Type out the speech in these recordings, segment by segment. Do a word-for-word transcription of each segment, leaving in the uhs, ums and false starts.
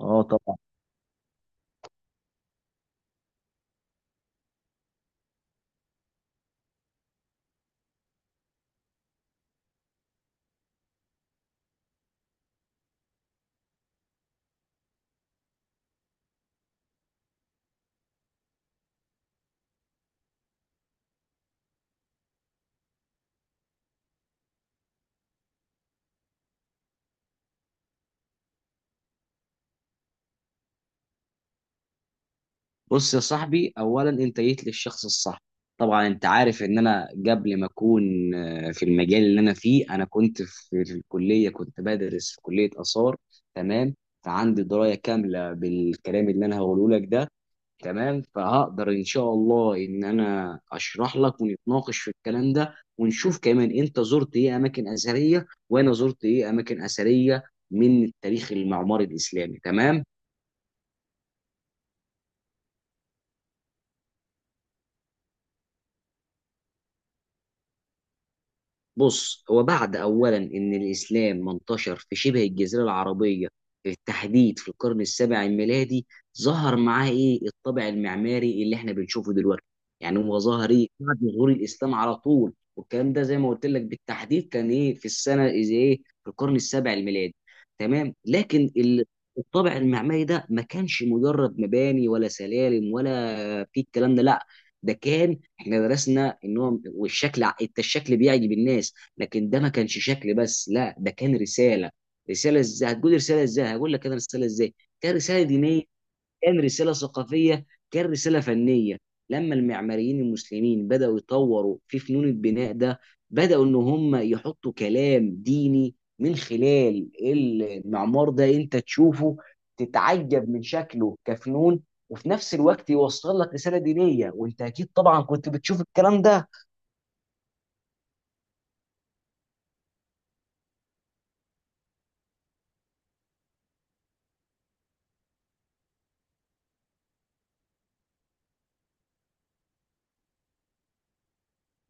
اه طبعا. بص يا صاحبي، اولا انت جيت للشخص الصح. طبعا انت عارف ان انا قبل ما اكون، آه، في المجال اللي انا فيه، انا كنت في في الكليه، كنت بدرس في كليه اثار. تمام. فعندي درايه كامله بالكلام اللي انا هقوله لك ده. تمام. فهقدر ان شاء الله ان انا اشرح لك ونتناقش في الكلام ده، ونشوف كمان انت زرت ايه اماكن اثريه وانا زرت ايه اماكن اثريه من التاريخ المعماري الاسلامي. تمام. بص، هو بعد أولا إن الإسلام ما انتشر في شبه الجزيرة العربية بالتحديد في القرن السابع الميلادي، ظهر معاه إيه الطابع المعماري اللي إحنا بنشوفه دلوقتي. يعني هو ظهر إيه بعد ظهور الإسلام على طول، والكلام ده زي ما قلت لك بالتحديد كان إيه في السنة إذا إيه، في القرن السابع الميلادي. تمام، لكن ال- الطابع المعماري ده ما كانش مجرد مباني ولا سلالم ولا في الكلام ده، لا، ده كان، احنا درسنا ان هو والشكل، ع- انت الشكل بيعجب الناس، لكن ده ما كانش شكل بس، لا، ده كان رساله. رساله ازاي؟ هتقول رساله ازاي، هقول لك انا رساله ازاي. كان رساله دينيه، كان رسالة ثقافية، كان رسالة فنية. لما المعماريين المسلمين بدأوا يطوروا في فنون البناء ده، بدأوا إن هم يحطوا كلام ديني من خلال المعمار ده، أنت تشوفه تتعجب من شكله كفنون، وفي نفس الوقت يوصل لك رسالة دينية. وأنت أكيد طبعا كنت بتشوف الكلام ده.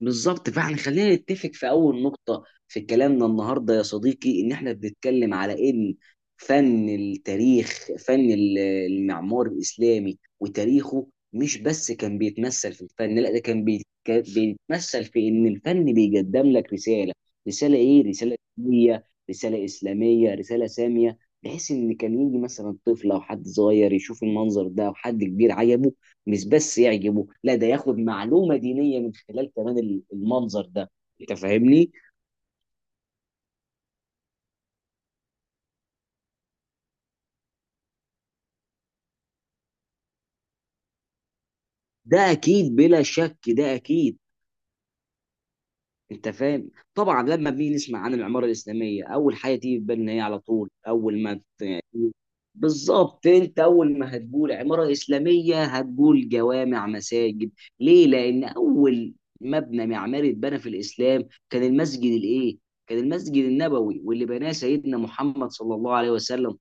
بالظبط، فاحنا خلينا نتفق في اول نقطة في كلامنا النهاردة يا صديقي، ان احنا بنتكلم على ان فن التاريخ، فن ال- المعمار الاسلامي وتاريخه، مش بس كان بيتمثل في الفن، لا، ده كان بيت- كان بيتمثل في ان الفن بيقدم لك رسالة. رسالة ايه؟ رسالة دينية، رسالة اسلامية، رسالة سامية، بحيث ان كان يجي مثلا طفل او حد صغير يشوف المنظر ده، او حد كبير عجبه، مش بس يعجبه، لا، ده ياخد معلومة دينية من خلال كمان ال- المنظر ده. انت فاهمني. ده اكيد، بلا شك ده اكيد. انت فاهم. طبعا لما بنيجي نسمع عن العمارة الإسلامية، اول حاجة تيجي في بالنا هي على طول، اول ما ت- بالظبط، انت اول ما هتقول عمارة إسلامية هتقول جوامع، مساجد. ليه؟ لان اول مبنى معماري اتبنى في الإسلام كان المسجد الايه؟ كان المسجد النبوي، واللي بناه سيدنا محمد صلى الله عليه وسلم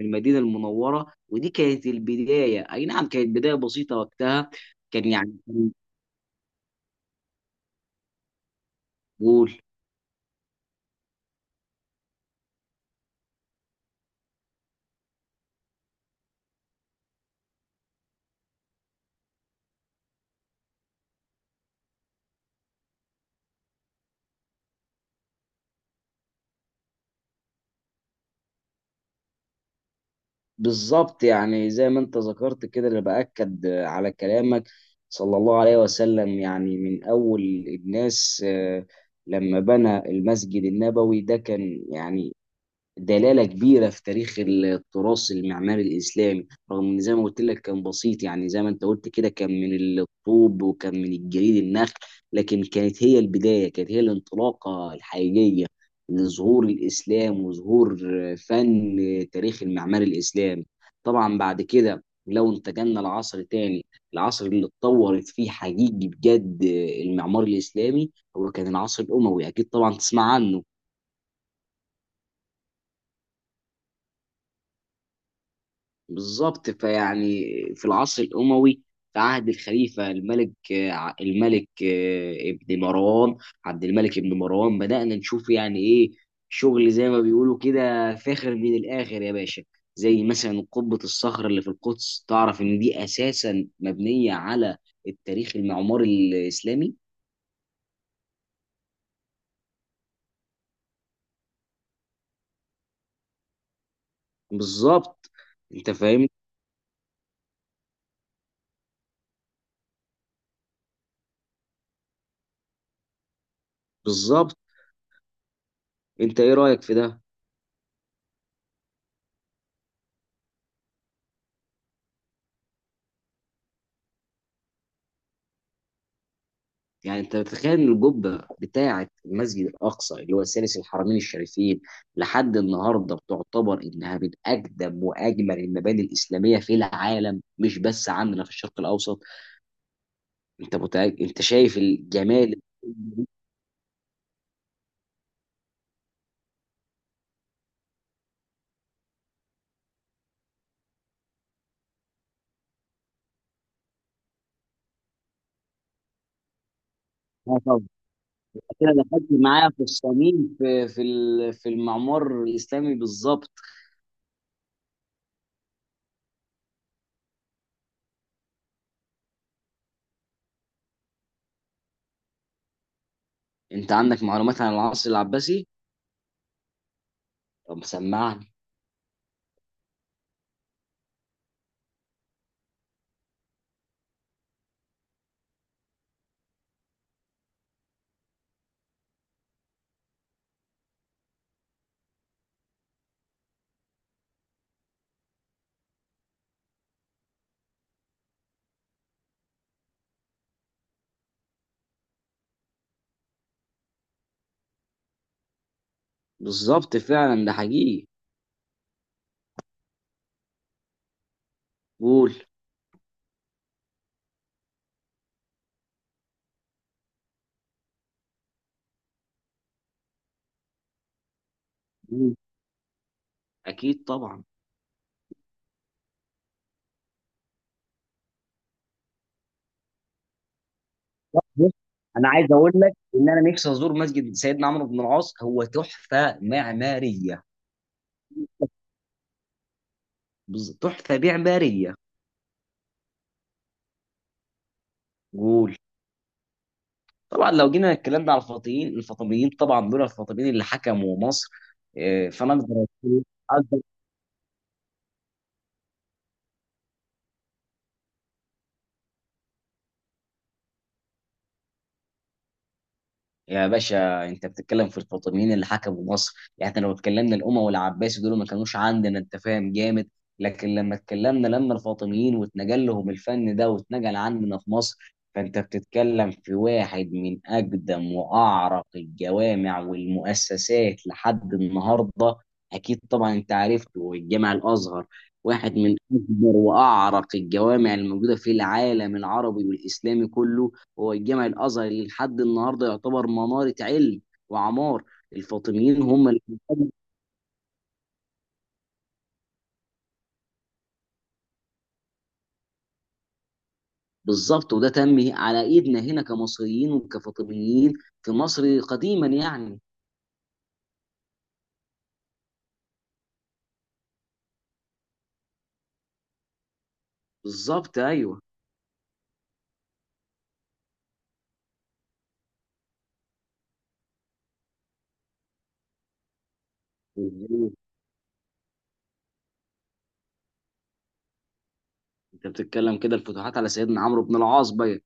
المدينه المنوره. ودي كانت البدايه، اي نعم كانت بدايه بسيطه وقتها. كان يعني، قول. بالظبط، يعني زي ما انت ذكرت كده، اللي باكد على كلامك. صلى الله عليه وسلم يعني من اول الناس. آه، لما بنى المسجد النبوي ده كان يعني دلالة كبيرة في تاريخ التراث المعماري الإسلامي، رغم إن زي ما قلت لك كان بسيط، يعني زي ما أنت قلت كده، كان من الطوب وكان من الجليد النخل، لكن كانت هي البداية، كانت هي الانطلاقة الحقيقية لظهور الإسلام وظهور فن تاريخ المعماري الإسلامي. طبعا بعد كده لو انتقلنا لعصر تاني، العصر اللي اتطورت فيه حقيقي بجد المعمار الإسلامي، هو كان العصر الأموي. أكيد طبعا تسمع عنه. بالظبط، فيعني في العصر الأموي، في عهد الخليفة الملك آه، الملك آه، ابن مروان عبد الملك ابن مروان، بدأنا نشوف يعني إيه شغل زي ما بيقولوا كده، فاخر من الآخر يا باشا. زي مثلا قبة الصخر اللي في القدس، تعرف إن دي أساسا مبنية على التاريخ المعماري الإسلامي. بالظبط. أنت فاهم. بالظبط، أنت إيه رأيك في ده؟ يعني انت بتتخيل ان القبه بتاعه المسجد الاقصى اللي هو ثالث الحرمين الشريفين، لحد النهارده بتعتبر انها من اقدم واجمل المباني الاسلاميه في العالم، مش بس عندنا في الشرق الاوسط. انت متأكد؟ انت شايف الجمال. اه طبعا، كده دخلت معايا في الصميم، في في ال- في المعمار الاسلامي بالظبط. انت عندك معلومات عن العصر العباسي؟ طب سمعني. بالظبط فعلا ده حقيقي. قول. مم. اكيد طبعا. بص، انا عايز اقول لك ان انا نفسي ازور مسجد سيدنا عمرو بن العاص، هو تحفه معماريه. بز- تحفه معماريه. قول. طبعا لو جينا اتكلمنا على الفاطميين الفاطميين طبعا دول، الفاطميين اللي حكموا مصر. آه، فانا اقدر أقول- يا باشا انت بتتكلم في الفاطميين اللي حكموا مصر، يعني احنا لو اتكلمنا الاموي والعباسي، دول ما كانوش عندنا، انت فاهم جامد. لكن لما اتكلمنا، لما الفاطميين واتنقل لهم الفن ده واتنقل عندنا في مصر، فانت بتتكلم في واحد من اقدم واعرق الجوامع والمؤسسات لحد النهارده. اكيد طبعا انت عرفته، الجامع الازهر واحد من اكبر واعرق الجوامع الموجوده في العالم العربي والاسلامي كله، هو الجامع الازهر اللي لحد النهارده يعتبر مناره علم وعمار. الفاطميين هم اللي، بالظبط، وده تم على ايدنا هنا كمصريين وكفاطميين في مصر قديما يعني. بالظبط، ايوه. انت بتتكلم كده الفتوحات على سيدنا عمرو بن العاص بقى.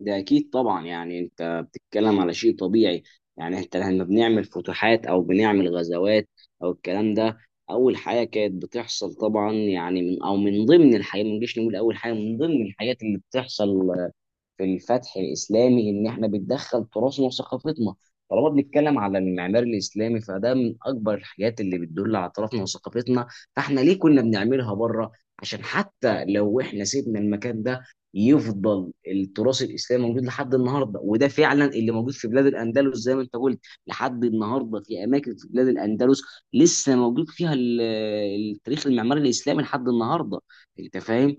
ده اكيد طبعا، يعني انت بتتكلم على شيء طبيعي. يعني انت لما بنعمل فتوحات او بنعمل غزوات او الكلام ده، اول حاجه كانت بتحصل طبعا يعني من او من ضمن الحاجات، ما نجيش نقول اول حاجه، من ضمن الحاجات اللي بتحصل في الفتح الاسلامي ان احنا بتدخل تراثنا وثقافتنا. طالما بنتكلم على المعمار الاسلامي فده من اكبر الحاجات اللي بتدل على تراثنا وثقافتنا، فاحنا ليه كنا بنعملها بره؟ عشان حتى لو احنا سيبنا المكان ده، يفضل التراث الاسلامي موجود لحد النهارده، وده فعلا اللي موجود في بلاد الاندلس زي ما انت قلت. لحد النهارده في اماكن في بلاد الاندلس لسه موجود فيها ال- التاريخ المعماري الاسلامي لحد النهارده. انت فاهم.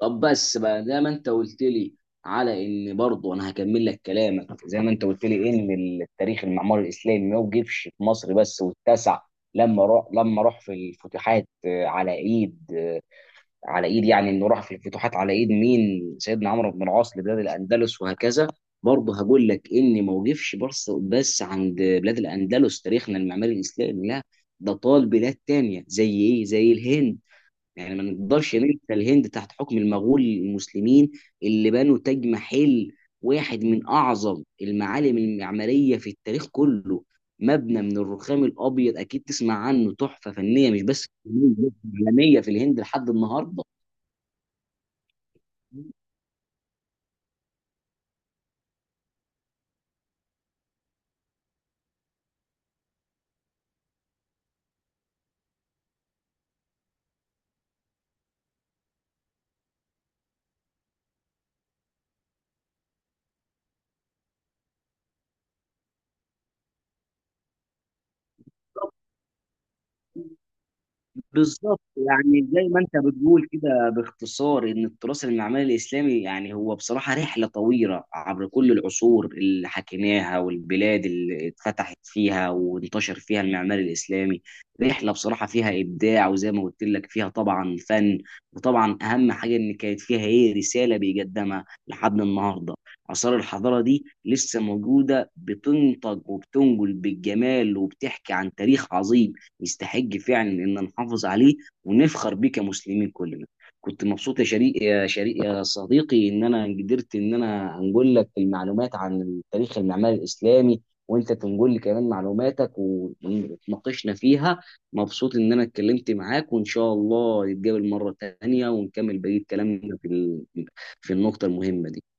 طب بس بقى، زي ما انت قلت لي على ان برضه انا هكمل لك كلامك، زي ما انت قلت لي ان التاريخ المعماري الاسلامي ما وقفش في مصر بس واتسع، لما راح لما راح في الفتوحات، آه، على ايد على ايد يعني انه راح في الفتوحات على ايد مين، سيدنا عمرو بن العاص، لبلاد الاندلس وهكذا. برضه هقول لك ان ما وقفش بس بس عند بلاد الاندلس تاريخنا المعماري الاسلامي، لا، ده طال بلاد تانية زي ايه؟ زي الهند. يعني ما نقدرش ننسى الهند تحت حكم المغول المسلمين اللي بنوا تاج محل، واحد من اعظم المعالم المعماريه في التاريخ كله، مبنى من الرخام الابيض، اكيد تسمع عنه، تحفه فنيه مش بس عالميه، في الهند لحد النهارده. بالظبط، يعني زي ما انت بتقول كده باختصار، ان التراث المعماري الاسلامي يعني هو بصراحه رحله طويله عبر كل العصور اللي حكيناها والبلاد اللي اتفتحت فيها وانتشر فيها المعمار الاسلامي. رحله بصراحه فيها ابداع، وزي ما قلت لك فيها طبعا فن، وطبعا اهم حاجه ان كانت فيها ايه؟ رساله بيقدمها لحد النهارده. اثار الحضاره دي لسه موجوده، بتنتج وبتنقل بالجمال وبتحكي عن تاريخ عظيم يستحق فعلا ان نحافظ عليه ونفخر بيه كمسلمين كلنا. كنت مبسوط يا شريك، يا شريك يا صديقي، ان انا قدرت ان انا انقل لك المعلومات عن التاريخ المعماري الاسلامي وانت تنقل لي كمان معلوماتك ونتناقشنا فيها. مبسوط ان انا اتكلمت معاك وان شاء الله نتقابل مرة تانية ونكمل بقية كلامنا في ال- في النقطة المهمة دي.